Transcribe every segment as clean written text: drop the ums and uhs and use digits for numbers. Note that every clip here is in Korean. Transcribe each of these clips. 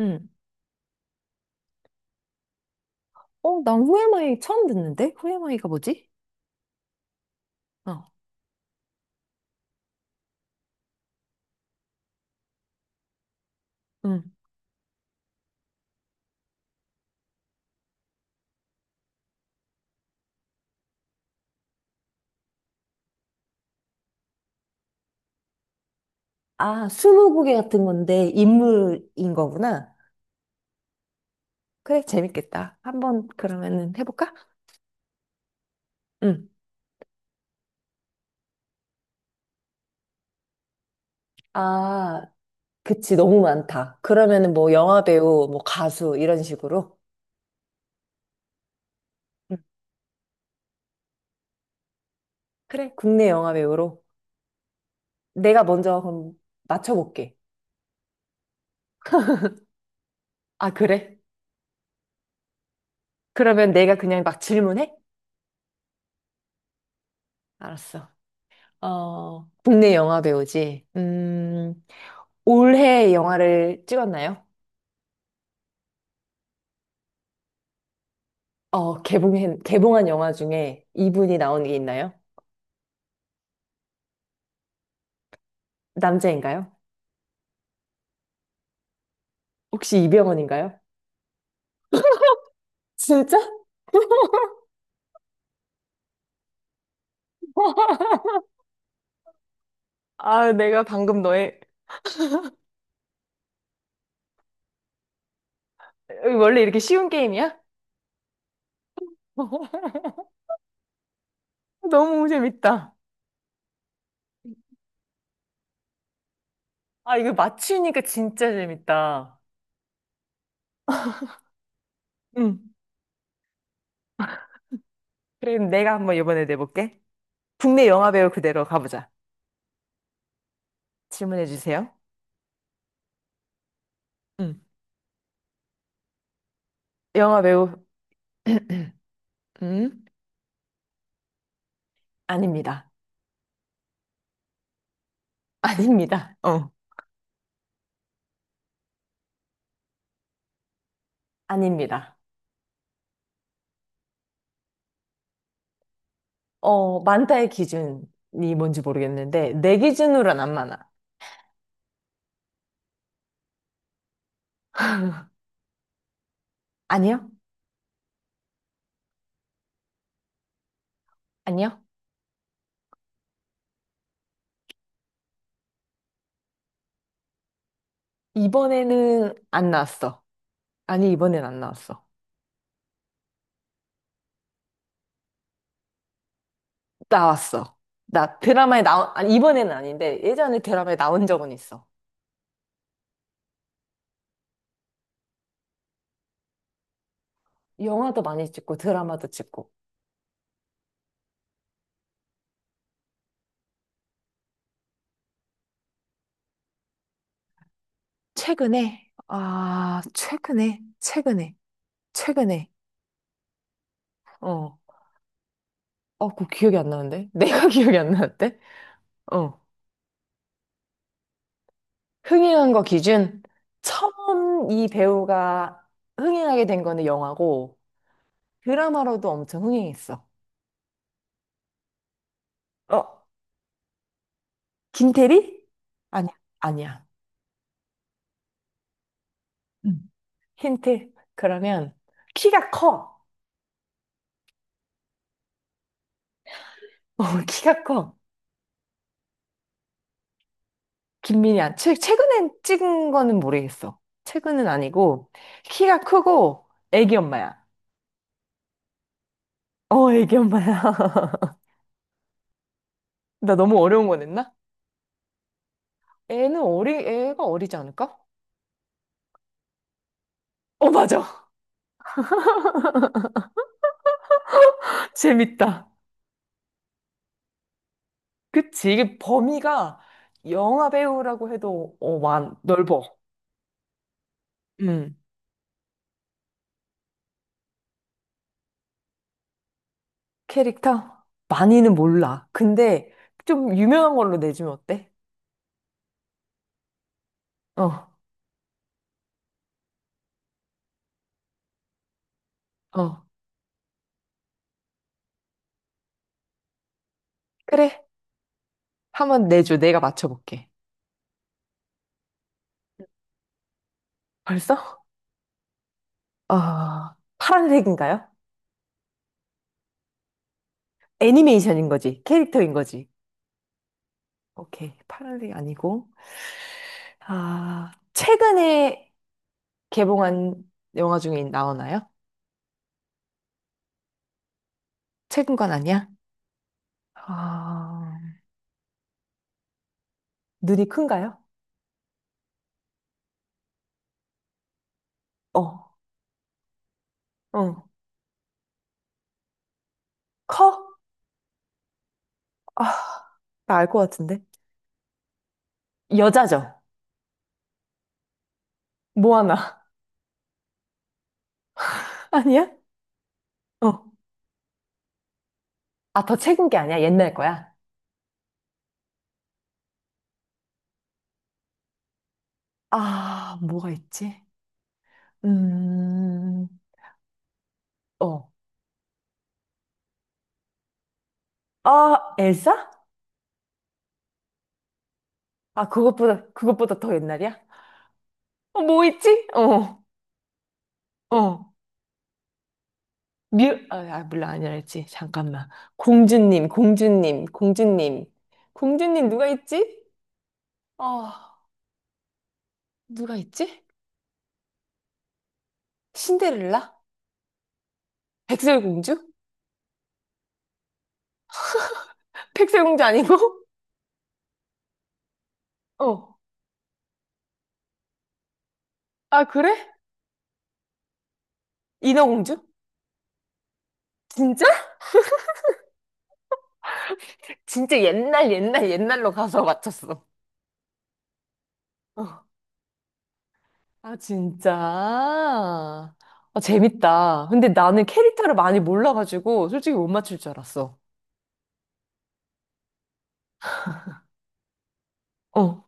응. 어, 난 후에마이 처음 듣는데? 후에마이가 뭐지? 어, 응. 아, 스무고개 같은 건데 인물인 거구나. 그래, 재밌겠다. 한번 그러면은 해볼까? 응. 아, 그치, 너무 많다. 그러면은 뭐 영화배우, 뭐 가수 이런 식으로. 응. 그래, 국내 영화배우로. 내가 먼저 그럼 맞춰볼게. 아, 그래? 그러면 내가 그냥 막 질문해? 알았어. 어, 국내 영화배우지. 올해 영화를 찍었나요? 어, 개봉한 영화 중에 이분이 나온 게 있나요? 남자인가요? 혹시 이병헌인가요? 진짜? 아, 내가 방금 너의, 어, 원래 이렇게 쉬운 게임이야? 너무 재밌다. 아, 이거 맞추니까 진짜 재밌다. 응. 그럼 내가 한번 이번에 내볼게. 국내 영화 배우 그대로 가보자. 질문해 주세요. 응. 영화 배우, 음? 아닙니다. 아닙니다. 어. 아닙니다. 어, 많다의 기준이 뭔지 모르겠는데, 내 기준으로는 안 많아. 아니요? 아니요? 이번에는 안 나왔어. 아니, 이번엔 안 나왔어. 나왔어. 나 드라마에 나온, 아니, 이번에는 아닌데, 예전에 드라마에 나온 적은 있어. 영화도 많이 찍고, 드라마도 찍고. 최근에. 최근에. 어. 어, 그거 기억이 안 나는데? 내가 기억이 안 나는데? 어. 흥행한 거 기준? 처음 이 배우가 흥행하게 된 거는 영화고, 드라마로도 엄청 흥행했어. 어, 김태리? 아니야, 아니야. 음. 힌트. 그러면, 키가 커. 어, 키가 커. 김민희 안, 최, 최근에 찍은 거는 모르겠어. 최근은 아니고, 키가 크고, 애기 엄마야. 어, 애기 엄마야. 나 너무 어려운 거 냈나? 애는 어리, 애가 어리지 않을까? 어, 맞아. 재밌다. 그치. 이게 범위가 영화 배우라고 해도 넓어. 음. 캐릭터? 많이는 몰라. 근데 좀 유명한 걸로 내주면 어때? 어, 어. 그래. 한번 내줘. 내가 맞춰볼게. 벌써? 아, 파란색인가요? 애니메이션인 거지. 캐릭터인 거지. 오케이. 파란색 아니고. 아, 최근에 개봉한 영화 중에 나오나요? 최근 건 아니야? 아, 눈이 큰가요? 어, 어. 커? 아, 나 알 것 같은데. 여자죠? 모아나. 아니야? 어. 아, 더 최근 게 아니야? 옛날 거야? 아, 뭐가 있지? 음, 어. 아, 엘사? 아, 그것보다 더 옛날이야? 어, 뭐 있지? 어, 어. 뮤, 몰라, 아니랄지. 잠깐만. 공주님, 공주님, 공주님. 공주님 누가 있지? 어, 누가 있지? 신데렐라? 백설공주? 백설공주 아니고? 어. 아, 그래? 인어공주? 진짜? 진짜 옛날, 옛날, 옛날로 가서 맞췄어. 어. 아, 진짜? 아, 재밌다. 근데 나는 캐릭터를 많이 몰라가지고 솔직히 못 맞출 줄 알았어. 어,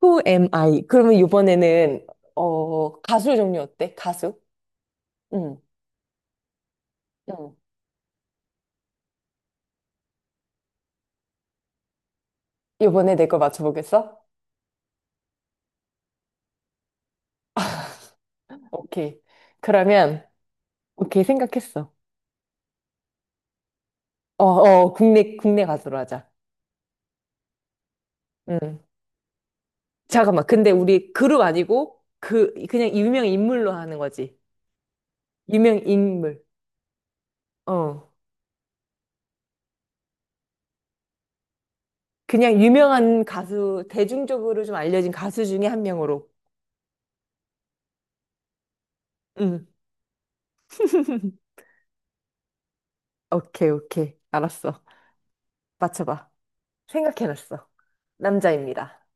Who am I? 그러면 이번에는 어, 가수 종류 어때? 가수? 응. 응. 이번에 내 거 맞춰보겠어? 오케이. 그러면 오케이 생각했어. 어, 어, 국내 가수로 하자. 응. 잠깐만. 근데 우리 그룹 아니고 그 그냥 유명 인물로 하는 거지. 유명 인물. 어. 그냥 유명한 가수, 대중적으로 좀 알려진 가수 중에 한 명으로. 응. 오케이, 오케이. 알았어. 맞춰봐. 생각해놨어. 남자입니다.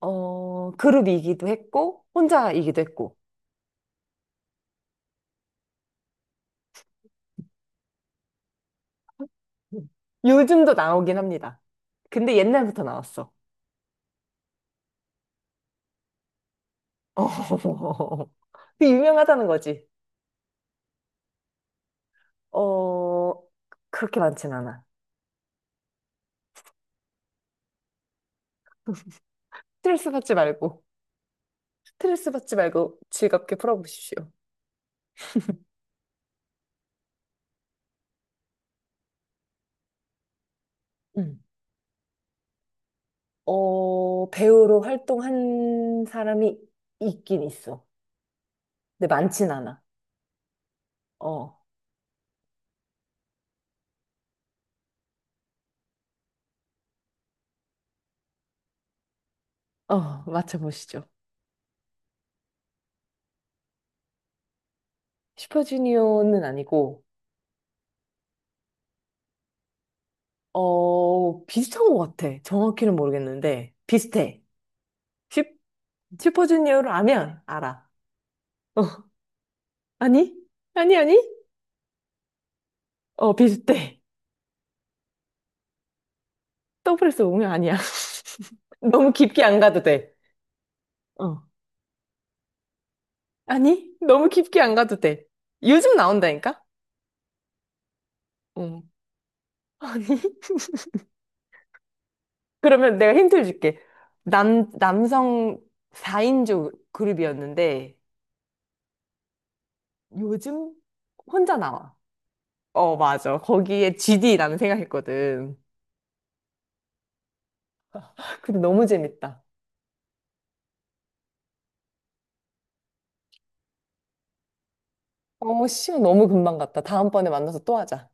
어, 그룹이기도 했고, 혼자이기도 했고. 음. 요즘도 나오긴 합니다. 근데 옛날부터 나왔어. 어, 그 유명하다는 거지. 어, 그렇게 많진 않아. 스트레스 받지 말고, 스트레스 받지 말고 즐겁게 풀어보십시오. 음, 어, 배우로 활동한 사람이 있긴 있어. 근데 많진 않아. 어, 어, 맞춰보시죠. 슈퍼주니어는 아니고, 어, 비슷한 것 같아. 정확히는 모르겠는데, 비슷해. 슈, 슈퍼주니어를 아면 알아. 어, 아니? 아니? 어, 비슷해. 더블에서 오면 아니야. 너무 깊게 안 가도 돼. 어. 아니, 너무 깊게 안 가도 돼. 요즘 나온다니까? 어. 아니. 그러면 내가 힌트를 줄게. 남성 4인조 그룹이었는데, 요즘 혼자 나와. 어, 맞아. 거기에 GD라는 생각했거든. 근데 너무 재밌다. 어, 시간 너무 금방 갔다. 다음번에 만나서 또 하자.